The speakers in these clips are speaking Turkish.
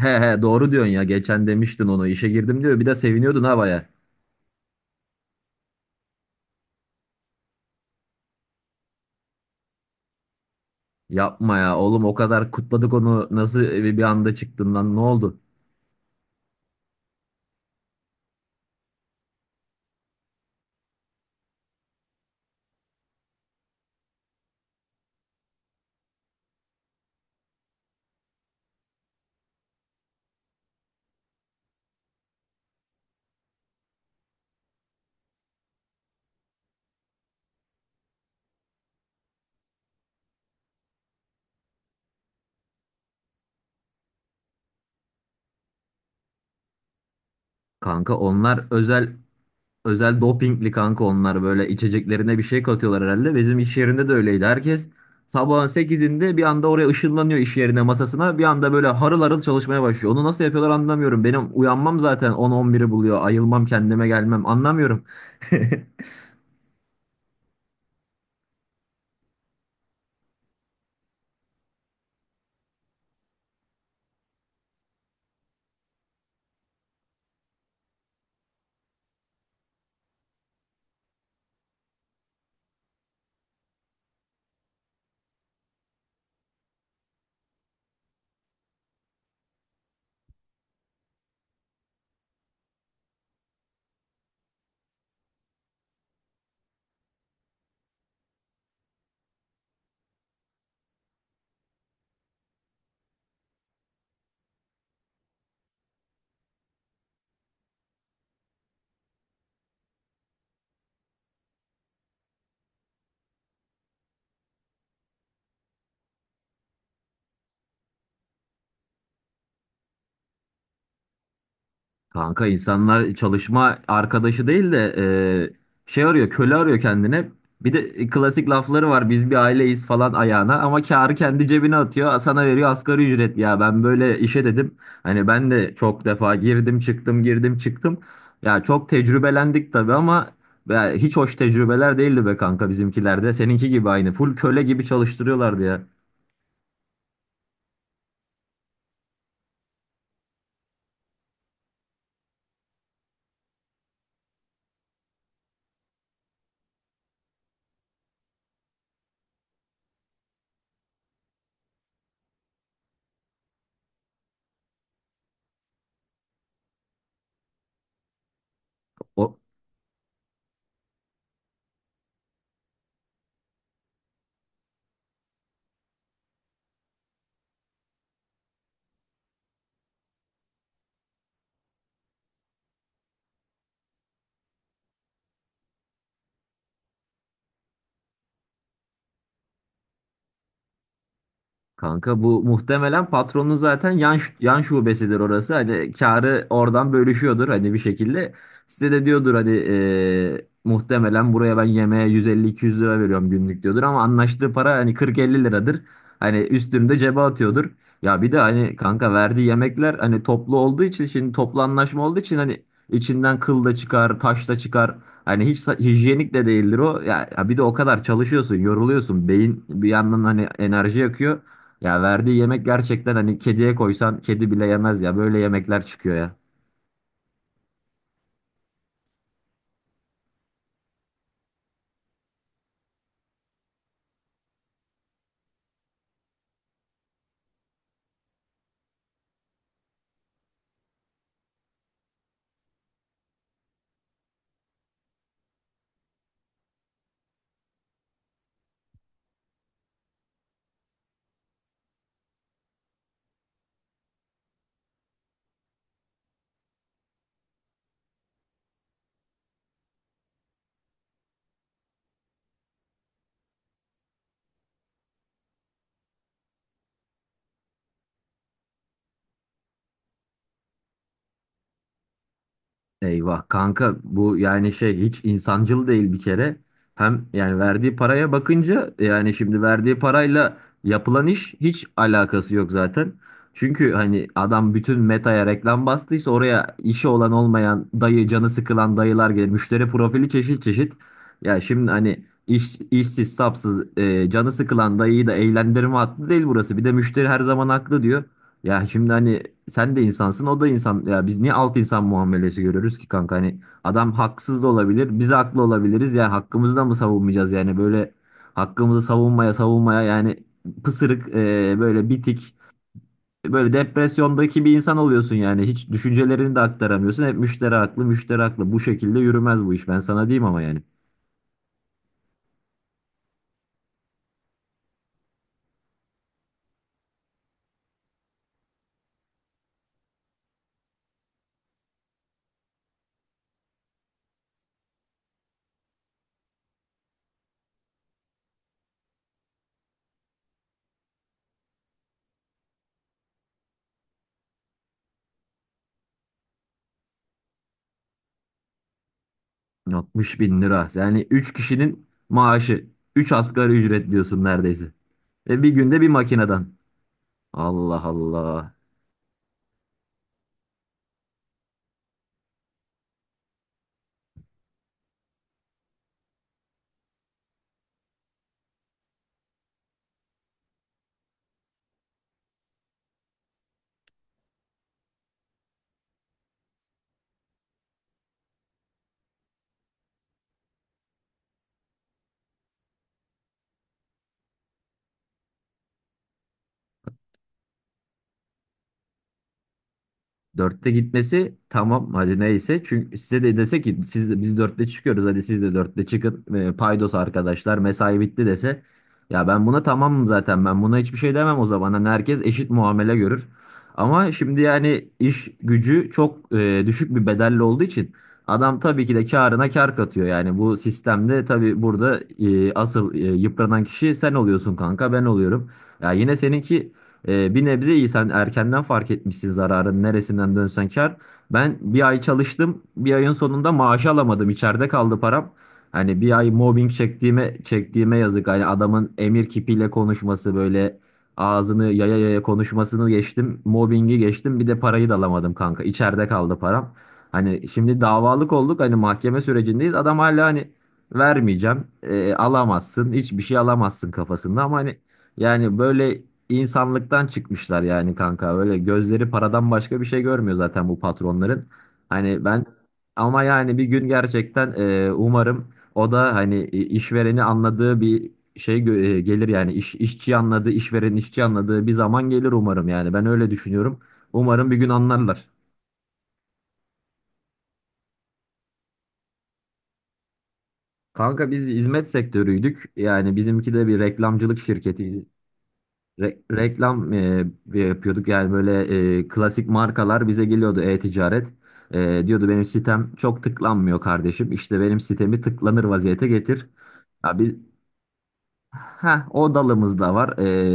He he doğru diyorsun ya. Geçen demiştin onu. İşe girdim diyor. Bir de seviniyordun ha baya. Yapma ya oğlum o kadar kutladık onu. Nasıl bir anda çıktın lan ne oldu? Kanka onlar özel özel dopingli kanka onlar böyle içeceklerine bir şey katıyorlar herhalde. Bizim iş yerinde de öyleydi. Herkes sabahın sekizinde bir anda oraya ışınlanıyor iş yerine masasına. Bir anda böyle harıl harıl çalışmaya başlıyor. Onu nasıl yapıyorlar anlamıyorum. Benim uyanmam zaten on on biri buluyor. Ayılmam kendime gelmem anlamıyorum. Kanka insanlar çalışma arkadaşı değil de şey arıyor, köle arıyor kendine. Bir de klasik lafları var. Biz bir aileyiz falan ayağına ama kârı kendi cebine atıyor. Sana veriyor asgari ücret ya. Ben böyle işe dedim. Hani ben de çok defa girdim çıktım girdim çıktım. Ya çok tecrübelendik tabii ama ya hiç hoş tecrübeler değildi be kanka bizimkilerde. Seninki gibi aynı. Full köle gibi çalıştırıyorlardı ya. O, kanka bu muhtemelen patronun zaten yan şubesidir orası. Hani karı oradan bölüşüyordur hani bir şekilde. Size de diyordur hani muhtemelen buraya ben yemeğe 150-200 lira veriyorum günlük diyordur ama anlaştığı para hani 40-50 liradır. Hani üstünü de cebe atıyordur. Ya bir de hani kanka verdiği yemekler hani toplu olduğu için şimdi toplu anlaşma olduğu için hani içinden kıl da çıkar, taş da çıkar. Hani hiç hijyenik de değildir o. Ya, ya bir de o kadar çalışıyorsun, yoruluyorsun. Beyin bir yandan hani enerji yakıyor. Ya verdiği yemek gerçekten hani kediye koysan kedi bile yemez ya. Böyle yemekler çıkıyor ya. Eyvah kanka bu yani şey hiç insancıl değil bir kere. Hem yani verdiği paraya bakınca yani şimdi verdiği parayla yapılan iş hiç alakası yok zaten. Çünkü hani adam bütün Meta'ya reklam bastıysa oraya işi olan olmayan dayı canı sıkılan dayılar gelir. Müşteri profili çeşit çeşit. Ya şimdi hani işsiz sapsız canı sıkılan dayıyı da eğlendirme hattı değil burası. Bir de müşteri her zaman haklı diyor. Ya şimdi hani sen de insansın o da insan. Ya biz niye alt insan muamelesi görüyoruz ki kanka? Hani adam haksız da olabilir. Biz haklı olabiliriz. Yani hakkımızı da mı savunmayacağız? Yani böyle hakkımızı savunmaya savunmaya yani pısırık böyle bitik böyle depresyondaki bir insan oluyorsun yani. Hiç düşüncelerini de aktaramıyorsun. Hep müşteri haklı müşteri haklı. Bu şekilde yürümez bu iş. Ben sana diyeyim ama yani. 60 bin lira. Yani üç kişinin maaşı. Üç asgari ücret diyorsun neredeyse. Ve bir günde bir makineden. Allah Allah. Dörtte gitmesi tamam hadi neyse. Çünkü size de dese ki siz de, biz dörtte çıkıyoruz hadi siz de dörtte çıkın. Paydos arkadaşlar mesai bitti dese. Ya ben buna tamamım zaten ben buna hiçbir şey demem o zaman. Hani herkes eşit muamele görür. Ama şimdi yani iş gücü çok düşük bir bedelli olduğu için adam tabii ki de karına kar katıyor. Yani bu sistemde tabii burada asıl yıpranan kişi sen oluyorsun kanka ben oluyorum. Ya yine seninki bir nebze iyi, sen erkenden fark etmişsin zararın neresinden dönsen kar. Ben bir ay çalıştım bir ayın sonunda maaşı alamadım içeride kaldı param. Hani bir ay mobbing çektiğime çektiğime yazık. Hani adamın emir kipiyle konuşması böyle ağzını yaya yaya konuşmasını geçtim. Mobbingi geçtim bir de parayı da alamadım kanka içeride kaldı param. Hani şimdi davalık olduk hani mahkeme sürecindeyiz adam hala hani vermeyeceğim alamazsın hiçbir şey alamazsın kafasında ama hani yani böyle insanlıktan çıkmışlar yani kanka. Böyle gözleri paradan başka bir şey görmüyor zaten bu patronların. Hani ben ama yani bir gün gerçekten umarım o da hani işvereni anladığı bir gelir yani işçi anladığı, işverenin işçi anladığı bir zaman gelir umarım yani. Ben öyle düşünüyorum. Umarım bir gün anlarlar. Kanka biz hizmet sektörüydük. Yani bizimki de bir reklamcılık şirketi, reklam yapıyorduk yani böyle klasik markalar bize geliyordu e-ticaret. Diyordu benim sitem çok tıklanmıyor kardeşim. İşte benim sitemi tıklanır vaziyete getir. Ya biz ha o dalımız da var.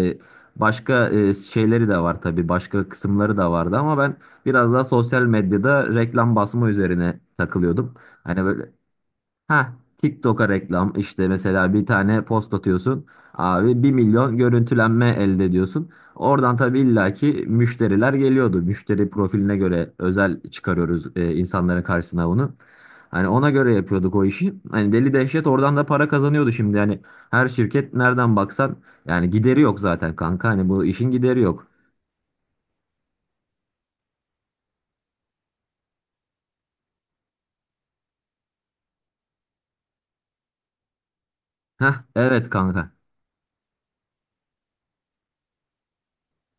E, başka şeyleri de var tabii. Başka kısımları da vardı ama ben biraz daha sosyal medyada reklam basma üzerine takılıyordum. Hani böyle ha, TikTok'a reklam işte mesela bir tane post atıyorsun abi 1 milyon görüntülenme elde ediyorsun. Oradan tabii illaki müşteriler geliyordu. Müşteri profiline göre özel çıkarıyoruz insanların karşısına bunu. Hani ona göre yapıyorduk o işi. Hani deli dehşet oradan da para kazanıyordu şimdi. Yani her şirket nereden baksan yani gideri yok zaten kanka. Hani bu işin gideri yok. Heh, evet kanka.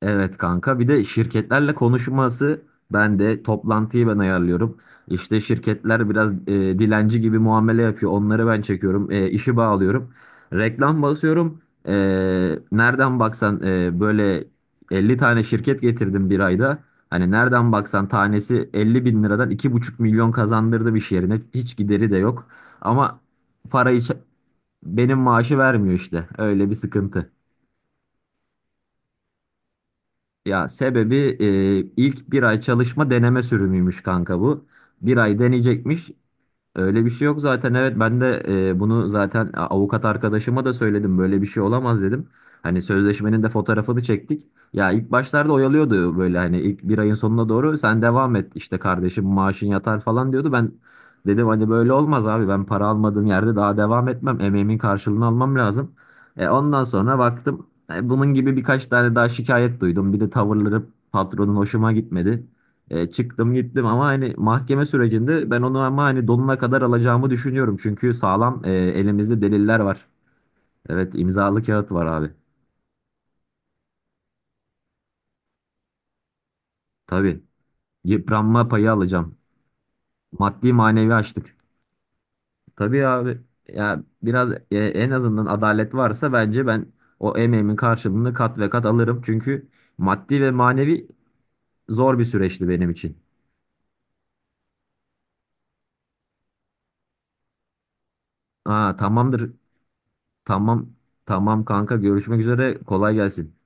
Evet kanka bir de şirketlerle konuşması ben de toplantıyı ben ayarlıyorum. İşte şirketler biraz dilenci gibi muamele yapıyor. Onları ben çekiyorum. E, işi bağlıyorum. Reklam basıyorum. E, nereden baksan böyle 50 tane şirket getirdim bir ayda. Hani nereden baksan tanesi 50 bin liradan 2,5 milyon kazandırdı bir yerine. Hiç gideri de yok. Ama parayı ç- benim maaşı vermiyor işte. Öyle bir sıkıntı. Ya sebebi ilk bir ay çalışma deneme sürümüymüş kanka bu. Bir ay deneyecekmiş. Öyle bir şey yok zaten, evet ben de bunu zaten avukat arkadaşıma da söyledim böyle bir şey olamaz dedim. Hani sözleşmenin de fotoğrafını çektik. Ya ilk başlarda oyalıyordu böyle hani ilk bir ayın sonuna doğru sen devam et işte kardeşim maaşın yatar falan diyordu. Ben dedim hani böyle olmaz abi ben para almadığım yerde daha devam etmem, emeğimin karşılığını almam lazım. Ondan sonra baktım bunun gibi birkaç tane daha şikayet duydum, bir de tavırları patronun hoşuma gitmedi. Çıktım gittim ama hani mahkeme sürecinde ben onu ama hani donuna kadar alacağımı düşünüyorum. Çünkü sağlam elimizde deliller var. Evet imzalı kağıt var abi. Tabii yıpranma payı alacağım. Maddi manevi açtık. Tabii abi ya biraz en azından adalet varsa bence ben o emeğimin karşılığını kat ve kat alırım. Çünkü maddi ve manevi zor bir süreçti benim için. Aa, tamamdır. Tamam. Tamam kanka görüşmek üzere. Kolay gelsin.